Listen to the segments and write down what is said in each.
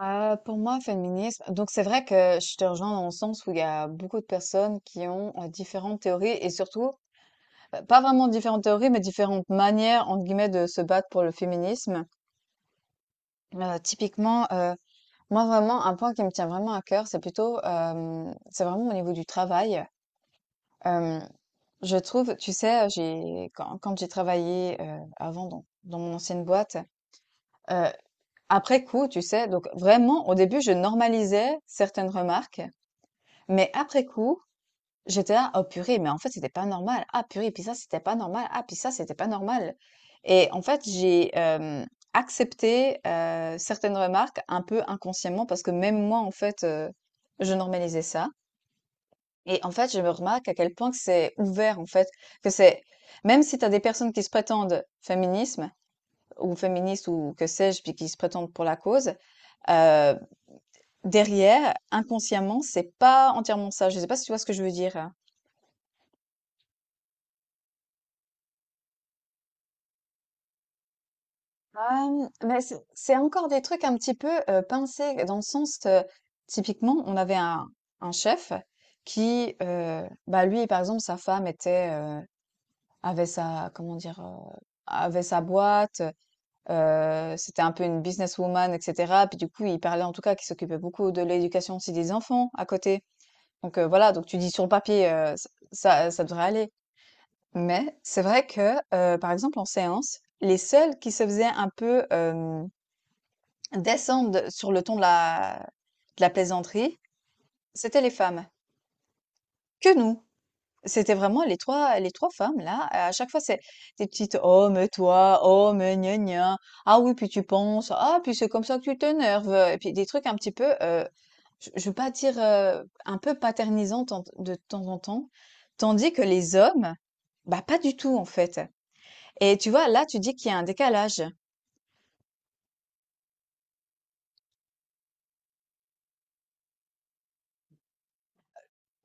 Pour moi, féminisme, donc c'est vrai que je te rejoins dans le sens où il y a beaucoup de personnes qui ont différentes théories et surtout, pas vraiment différentes théories, mais différentes manières, entre guillemets, de se battre pour le féminisme. Typiquement, moi vraiment, un point qui me tient vraiment à cœur, c'est plutôt, c'est vraiment au niveau du travail. Euh, je trouve, tu sais, Quand j'ai travaillé avant dans mon ancienne boîte, euh, après coup, tu sais, donc vraiment, au début, je normalisais certaines remarques. Mais après coup, j'étais là, oh purée, mais en fait, c'était pas normal. Ah purée, puis ça, c'était pas normal. Ah, puis ça, c'était pas normal. Et en fait, j'ai accepté certaines remarques un peu inconsciemment parce que même moi, en fait, je normalisais ça. Et en fait, je me remarque à quel point que c'est ouvert, en fait, que c'est, même si tu as des personnes qui se prétendent féminisme ou féministes ou que sais-je, puis qui se prétendent pour la cause, euh, derrière, inconsciemment, c'est pas entièrement ça. Je sais pas si tu vois ce que je veux dire. Mais c'est encore des trucs un petit peu, pincés dans le sens, typiquement, on avait un chef qui, bah, lui, par exemple, sa femme était, avait sa comment dire? Avait sa boîte, c'était un peu une businesswoman et cetera. Puis, du coup, il parlait en tout cas qu'il s'occupait beaucoup de l'éducation aussi des enfants à côté. Donc, voilà, donc tu dis sur le papier, ç ça devrait aller. Mais c'est vrai que, par exemple, en séance, les seuls qui se faisaient un peu, descendent sur le ton de la plaisanterie, c'était les femmes, que nous. C'était vraiment les 3 femmes là, à chaque fois c'est des petites: «Oh mais toi, oh mais gna gna, ah oui puis tu penses, ah puis c'est comme ça que tu t'énerves», et puis des trucs un petit peu, je veux pas dire, un peu paternisants tant de temps en temps. Tandis que les hommes, bah, pas du tout en fait. Et tu vois, là, tu dis qu'il y a un décalage.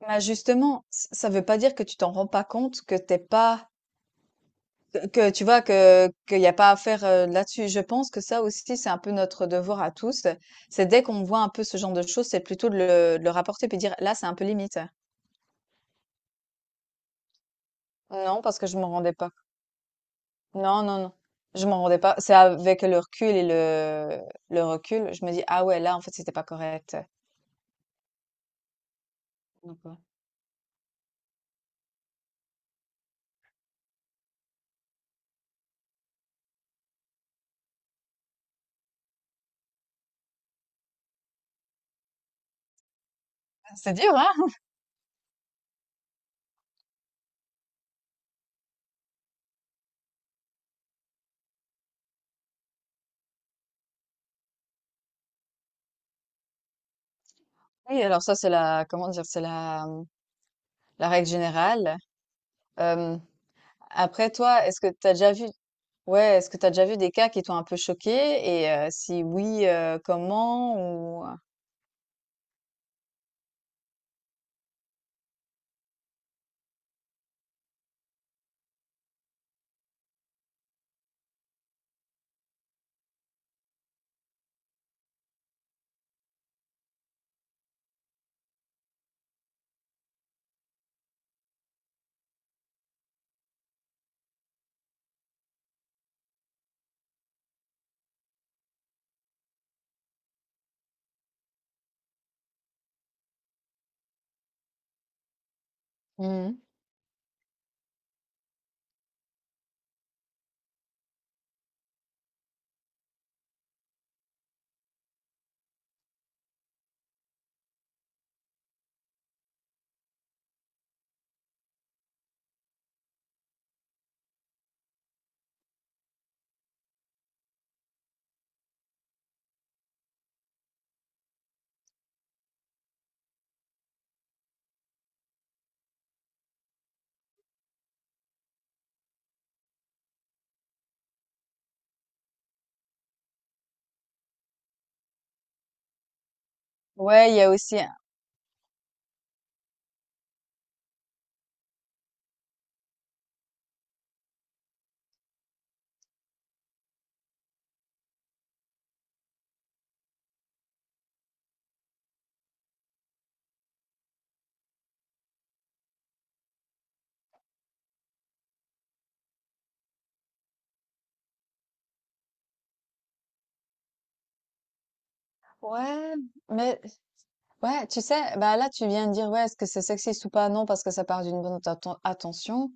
Bah, justement, ç ça veut pas dire que tu t'en rends pas compte, que t'es pas que tu vois que qu'il y a pas à faire là-dessus. Je pense que ça aussi, c'est un peu notre devoir à tous. C'est dès qu'on voit un peu ce genre de choses, c'est plutôt de de le rapporter puis dire là, c'est un peu limite. Non, parce que je m'en rendais pas. Non, non, non. Je m'en rendais pas. C'est avec le recul le recul, je me dis ah ouais, là, en fait, c'était pas correct. Donc, ouais. C'est dur, hein? Oui, alors ça, c'est comment dire, c'est la règle générale. Euh, Après, toi, est-ce que tu as déjà vu ouais, est-ce que tu as déjà vu des cas qui t'ont un peu choqué? Et si oui, comment ou? Mmh. Ouais, il y a aussi un ouais, mais ouais, tu sais, bah, là, tu viens de dire: «Ouais, est-ce que c'est sexiste ou pas?» Non, parce que ça part d'une bonne attention.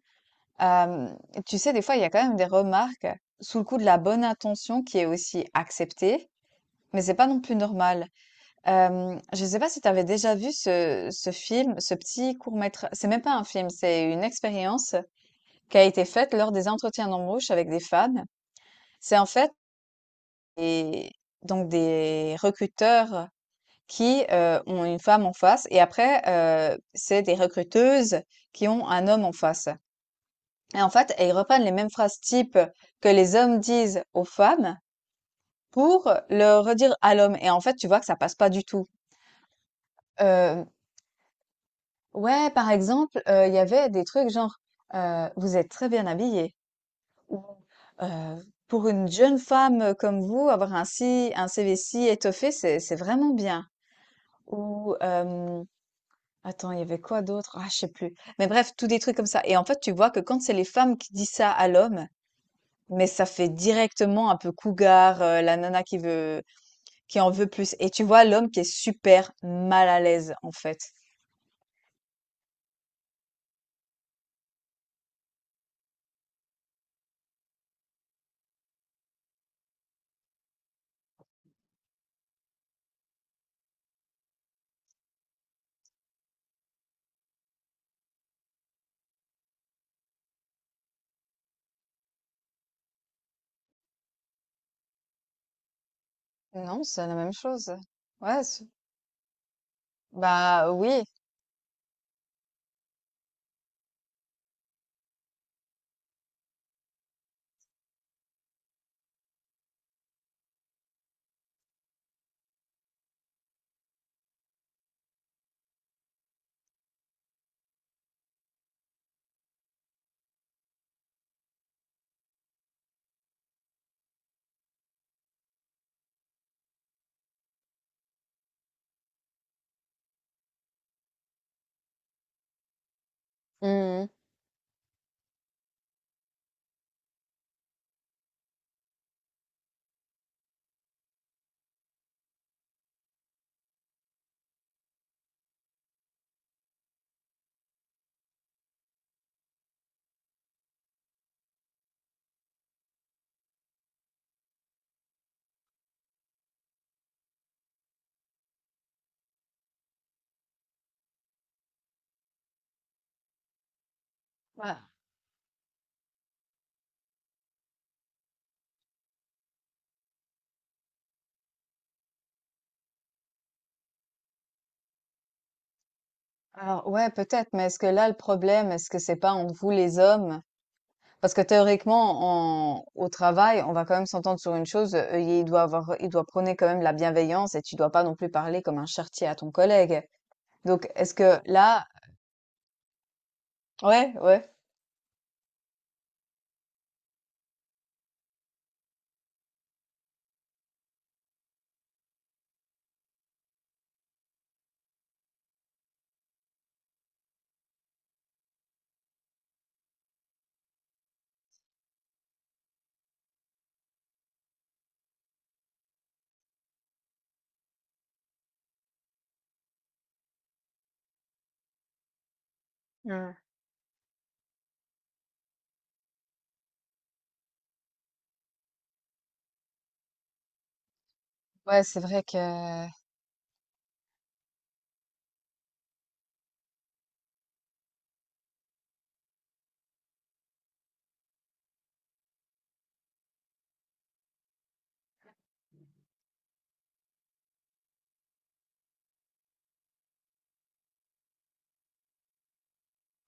Hem, Tu sais, des fois, il y a quand même des remarques sous le coup de la bonne intention qui est aussi acceptée, mais c'est pas non plus normal. Je sais pas si tu avais déjà vu ce film, ce petit court métrage, c'est même pas un film, c'est une expérience, qui a été faite lors des entretiens d'embauche avec des femmes. C'est en fait des, donc des recruteurs qui ont une femme en face et après, c'est des recruteuses qui ont un homme en face. Et en fait, elles reprennent les mêmes phrases type que les hommes disent aux femmes pour le redire à l'homme. Et en fait, tu vois que ça passe pas du tout. Euh, ouais, par exemple, il y avait des trucs genre vous êtes très bien habillé. Ou, heu, pour une jeune femme, comme vous, avoir un CV si étoffé, c'est vraiment bien. Ou, attends, il y avait quoi d'autre? Ah, je sais plus. Mais bref, tous des trucs comme ça et en fait, tu vois que quand c'est les femmes qui disent ça à l'homme, mais ça fait directement un peu cougar, la nana qui veut qui en veut plus et tu vois l'homme qui est super mal à l'aise, en fait. Non, c'est la même chose. Ouais, c Bah, oui. Mmh. Ouais. Alors ouais, peut-être, mais est-ce que là le problème, est-ce que c'est pas entre vous les hommes? Parce que théoriquement, en, au travail, on va quand même s'entendre sur une chose, il doit avoir, il doit prôner quand même la bienveillance et tu dois pas non plus parler comme un charretier à ton collègue. Donc est-ce que là, ouais, ouais. Mm. Ouais, c'est vrai que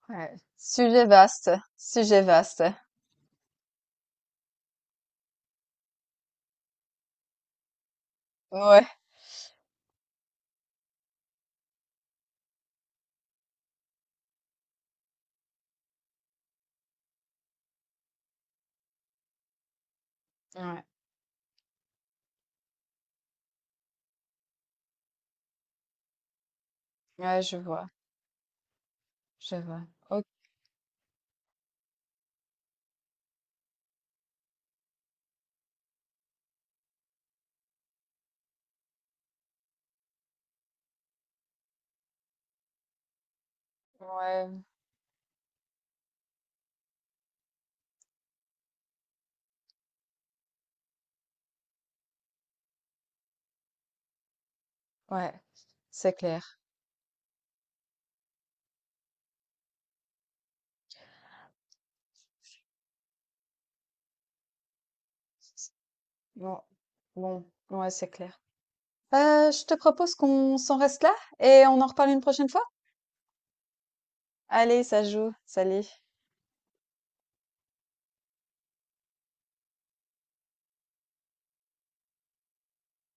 ouais, sujet vaste, sujet vaste. Ouais. Ouais. Ouais, je vois, je vois. Ok, ouais, ouais, c'est clair. Bon, bon, ouais, c'est clair. Je te propose qu'on s'en reste là et on en reparle une prochaine fois. Allez, ça joue. Salut.